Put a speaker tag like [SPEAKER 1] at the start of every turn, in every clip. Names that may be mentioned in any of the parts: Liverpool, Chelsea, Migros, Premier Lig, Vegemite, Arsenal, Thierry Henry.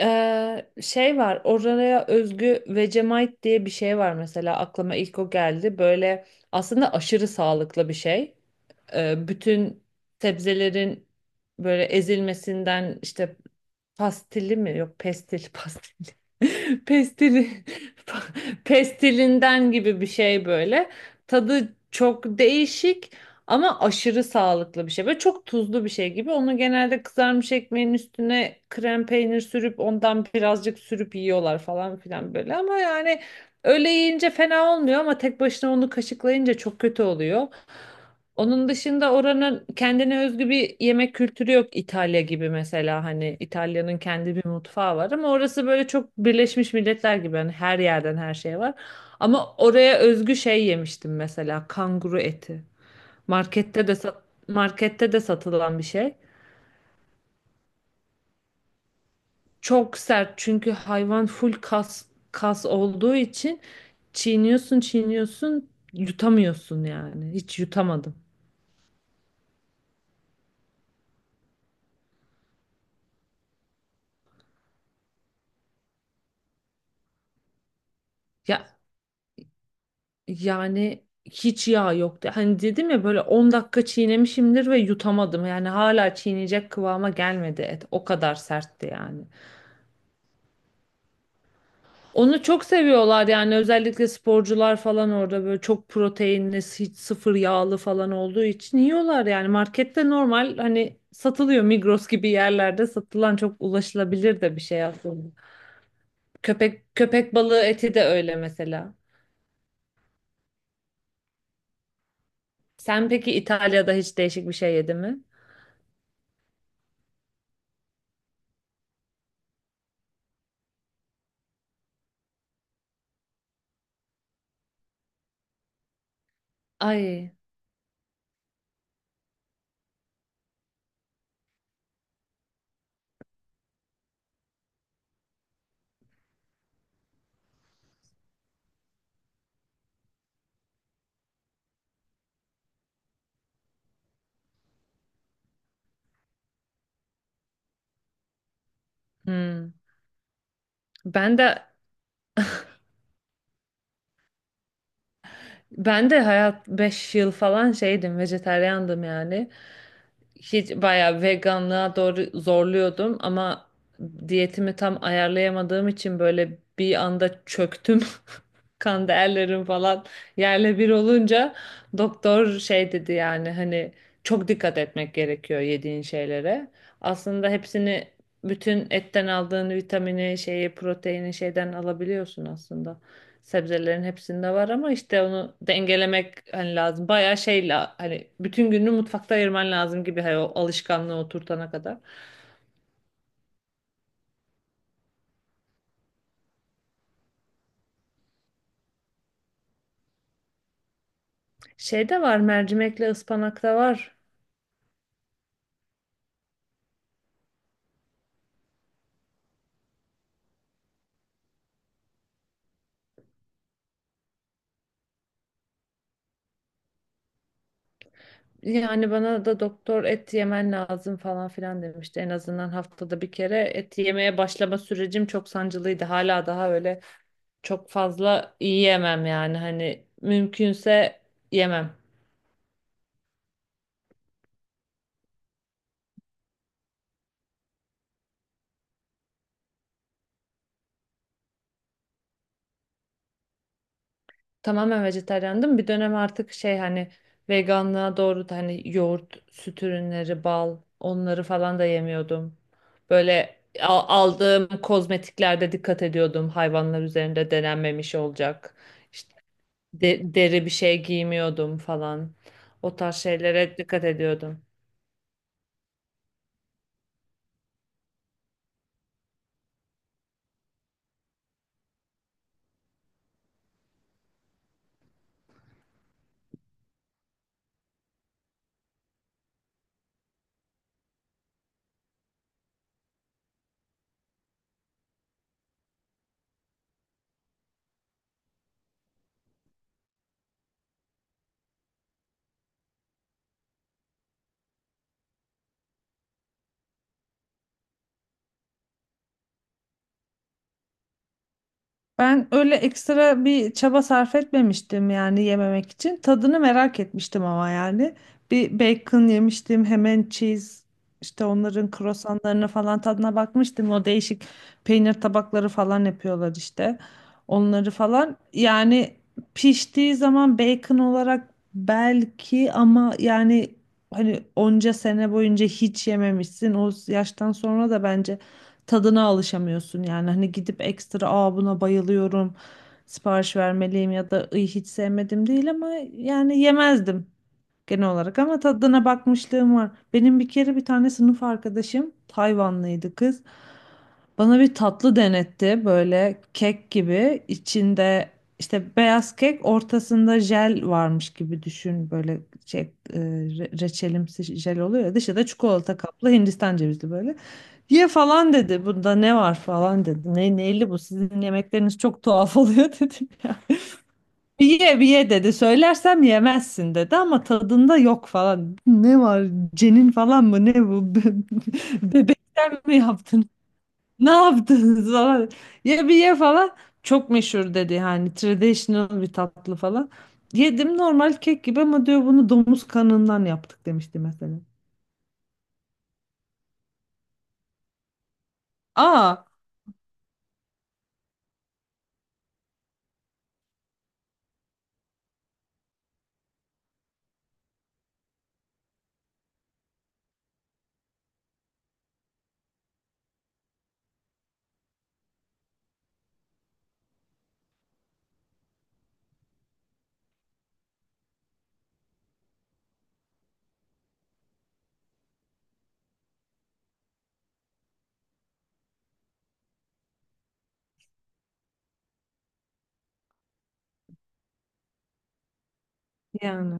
[SPEAKER 1] Şey var oraya özgü Vegemite diye bir şey var mesela aklıma ilk o geldi böyle aslında aşırı sağlıklı bir şey. Bütün sebzelerin böyle ezilmesinden işte. Pastili mi? Yok, pestil pastili. Pestili pestilinden gibi bir şey böyle. Tadı çok değişik ama aşırı sağlıklı bir şey. Böyle çok tuzlu bir şey gibi. Onu genelde kızarmış ekmeğin üstüne krem peynir sürüp ondan birazcık sürüp yiyorlar falan filan böyle. Ama yani öyle yiyince fena olmuyor ama tek başına onu kaşıklayınca çok kötü oluyor. Onun dışında oranın kendine özgü bir yemek kültürü yok, İtalya gibi mesela, hani İtalya'nın kendi bir mutfağı var ama orası böyle çok Birleşmiş Milletler gibi, hani her yerden her şey var. Ama oraya özgü şey yemiştim, mesela kanguru eti. Markette de sat- markette de satılan bir şey. Çok sert çünkü hayvan full kas, kas olduğu için çiğniyorsun, çiğniyorsun, yutamıyorsun yani. Hiç yutamadım. Ya, yani hiç yağ yoktu. Hani dedim ya, böyle 10 dakika çiğnemişimdir ve yutamadım. Yani hala çiğneyecek kıvama gelmedi et. O kadar sertti yani. Onu çok seviyorlar yani, özellikle sporcular falan orada böyle çok proteinli, hiç sıfır yağlı falan olduğu için yiyorlar yani. Markette normal hani satılıyor, Migros gibi yerlerde satılan çok ulaşılabilir de bir şey aslında. Köpek köpek balığı eti de öyle mesela. Sen peki İtalya'da hiç değişik bir şey yedin mi? Ay. Hmm. Ben de ben de hayat 5 yıl falan şeydim, vejetaryandım yani. Hiç bayağı veganlığa doğru zorluyordum ama diyetimi tam ayarlayamadığım için böyle bir anda çöktüm. Kan değerlerim falan yerle bir olunca doktor şey dedi yani, hani çok dikkat etmek gerekiyor yediğin şeylere. Aslında hepsini, bütün etten aldığın vitamini, şeyi, proteini şeyden alabiliyorsun aslında. Sebzelerin hepsinde var ama işte onu dengelemek hani lazım. Bayağı şeyle hani bütün gününü mutfakta ayırman lazım gibi, hani o alışkanlığı oturtana kadar. Şey de var, mercimekle ıspanak da var. Yani bana da doktor et yemen lazım falan filan demişti. En azından haftada bir kere et yemeye başlama sürecim çok sancılıydı. Hala daha öyle çok fazla yiyemem yani, hani mümkünse yemem. Tamamen vejetaryandım. Bir dönem artık şey hani, veganlığa doğru da, hani yoğurt, süt ürünleri, bal, onları falan da yemiyordum. Böyle aldığım kozmetiklerde dikkat ediyordum. Hayvanlar üzerinde denenmemiş olacak. İşte deri bir şey giymiyordum falan. O tarz şeylere dikkat ediyordum. Ben öyle ekstra bir çaba sarf etmemiştim yani yememek için. Tadını merak etmiştim ama yani. Bir bacon yemiştim, ham and cheese, işte onların krosanlarını falan tadına bakmıştım. O değişik peynir tabakları falan yapıyorlar işte. Onları falan. Yani piştiği zaman bacon olarak belki ama yani, hani onca sene boyunca hiç yememişsin. O yaştan sonra da bence tadına alışamıyorsun yani, hani gidip ekstra "aa buna bayılıyorum, sipariş vermeliyim" ya da "Iy, hiç sevmedim" değil ama yani yemezdim genel olarak, ama tadına bakmışlığım var. Benim bir kere bir tane sınıf arkadaşım Tayvanlıydı, kız. Bana bir tatlı denetti böyle, kek gibi içinde işte beyaz kek, ortasında jel varmış gibi düşün, böyle şey, reçelimsi jel oluyor ya, dışı da çikolata kaplı, Hindistan cevizli böyle. Ye falan dedi. Bunda ne var falan dedi. Ne neyli bu? Sizin yemekleriniz çok tuhaf oluyor dedim ya. Bir ye, bir ye dedi. Söylersem yemezsin dedi ama tadında yok falan. Ne var? Cenin falan mı? Ne bu? Bebekten mi yaptın? Ne yaptınız falan. Ye bir ye falan. Çok meşhur dedi. Hani traditional bir tatlı falan. Yedim, normal kek gibi ama, diyor bunu domuz kanından yaptık demişti mesela. Aa yani.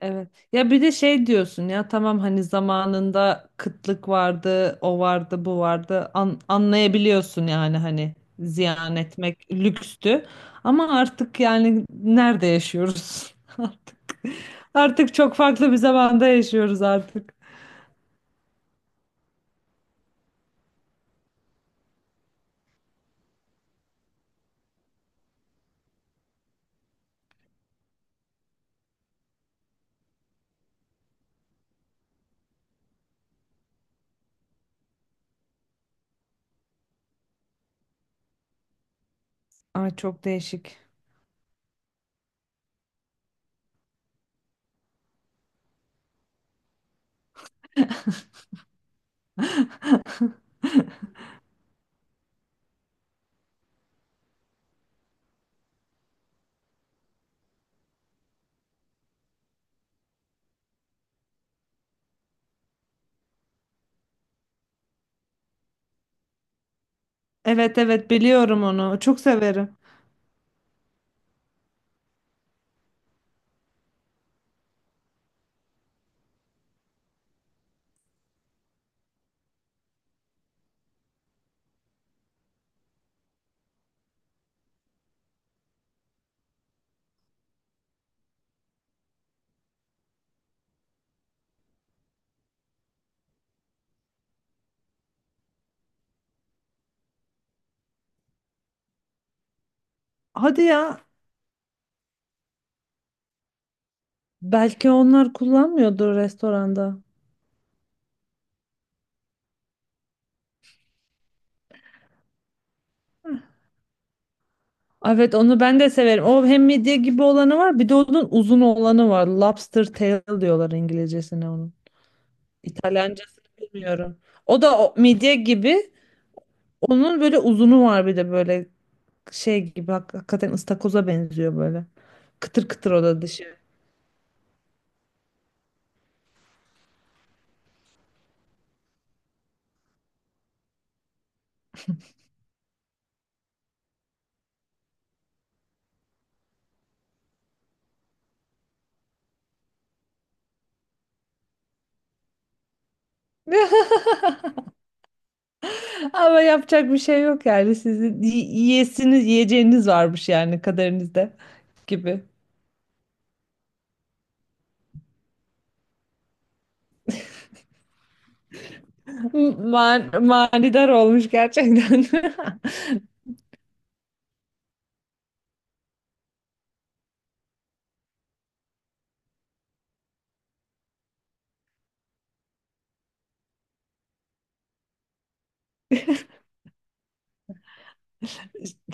[SPEAKER 1] Evet. Ya bir de şey diyorsun ya, tamam hani zamanında kıtlık vardı, o vardı, bu vardı. Anlayabiliyorsun yani, hani ziyan etmek lükstü. Ama artık yani nerede yaşıyoruz? Artık, artık çok farklı bir zamanda yaşıyoruz artık. Ay çok değişik. Evet, evet biliyorum onu. Çok severim. Hadi ya. Belki onlar kullanmıyordur restoranda. Evet, onu ben de severim. O hem midye gibi olanı var, bir de onun uzun olanı var. Lobster tail diyorlar İngilizcesine onun. İtalyancasını bilmiyorum. O da o, midye gibi. Onun böyle uzunu var, bir de böyle şey gibi, hakikaten ıstakoza benziyor böyle. Kıtır kıtır o da dışı. Ama yapacak bir şey yok yani. Yiyesiniz, yiyeceğiniz varmış yani kaderinizde gibi. Manidar olmuş gerçekten.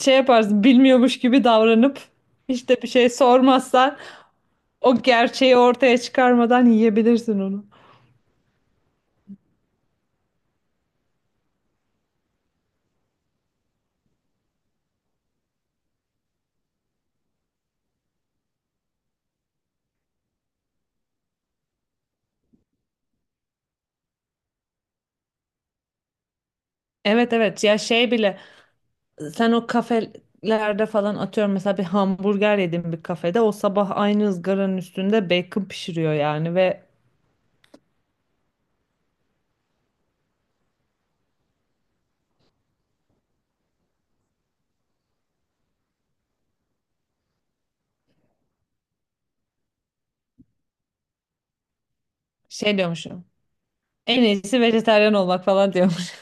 [SPEAKER 1] Şey yaparsın, bilmiyormuş gibi davranıp hiç de bir şey sormazsan o gerçeği ortaya çıkarmadan yiyebilirsin onu. Evet, evet ya, şey bile, sen o kafelerde falan, atıyorum mesela bir hamburger yedim bir kafede, o sabah aynı ızgaranın üstünde bacon pişiriyor yani. Ve şey diyormuşum, en iyisi vejetaryen olmak falan diyor.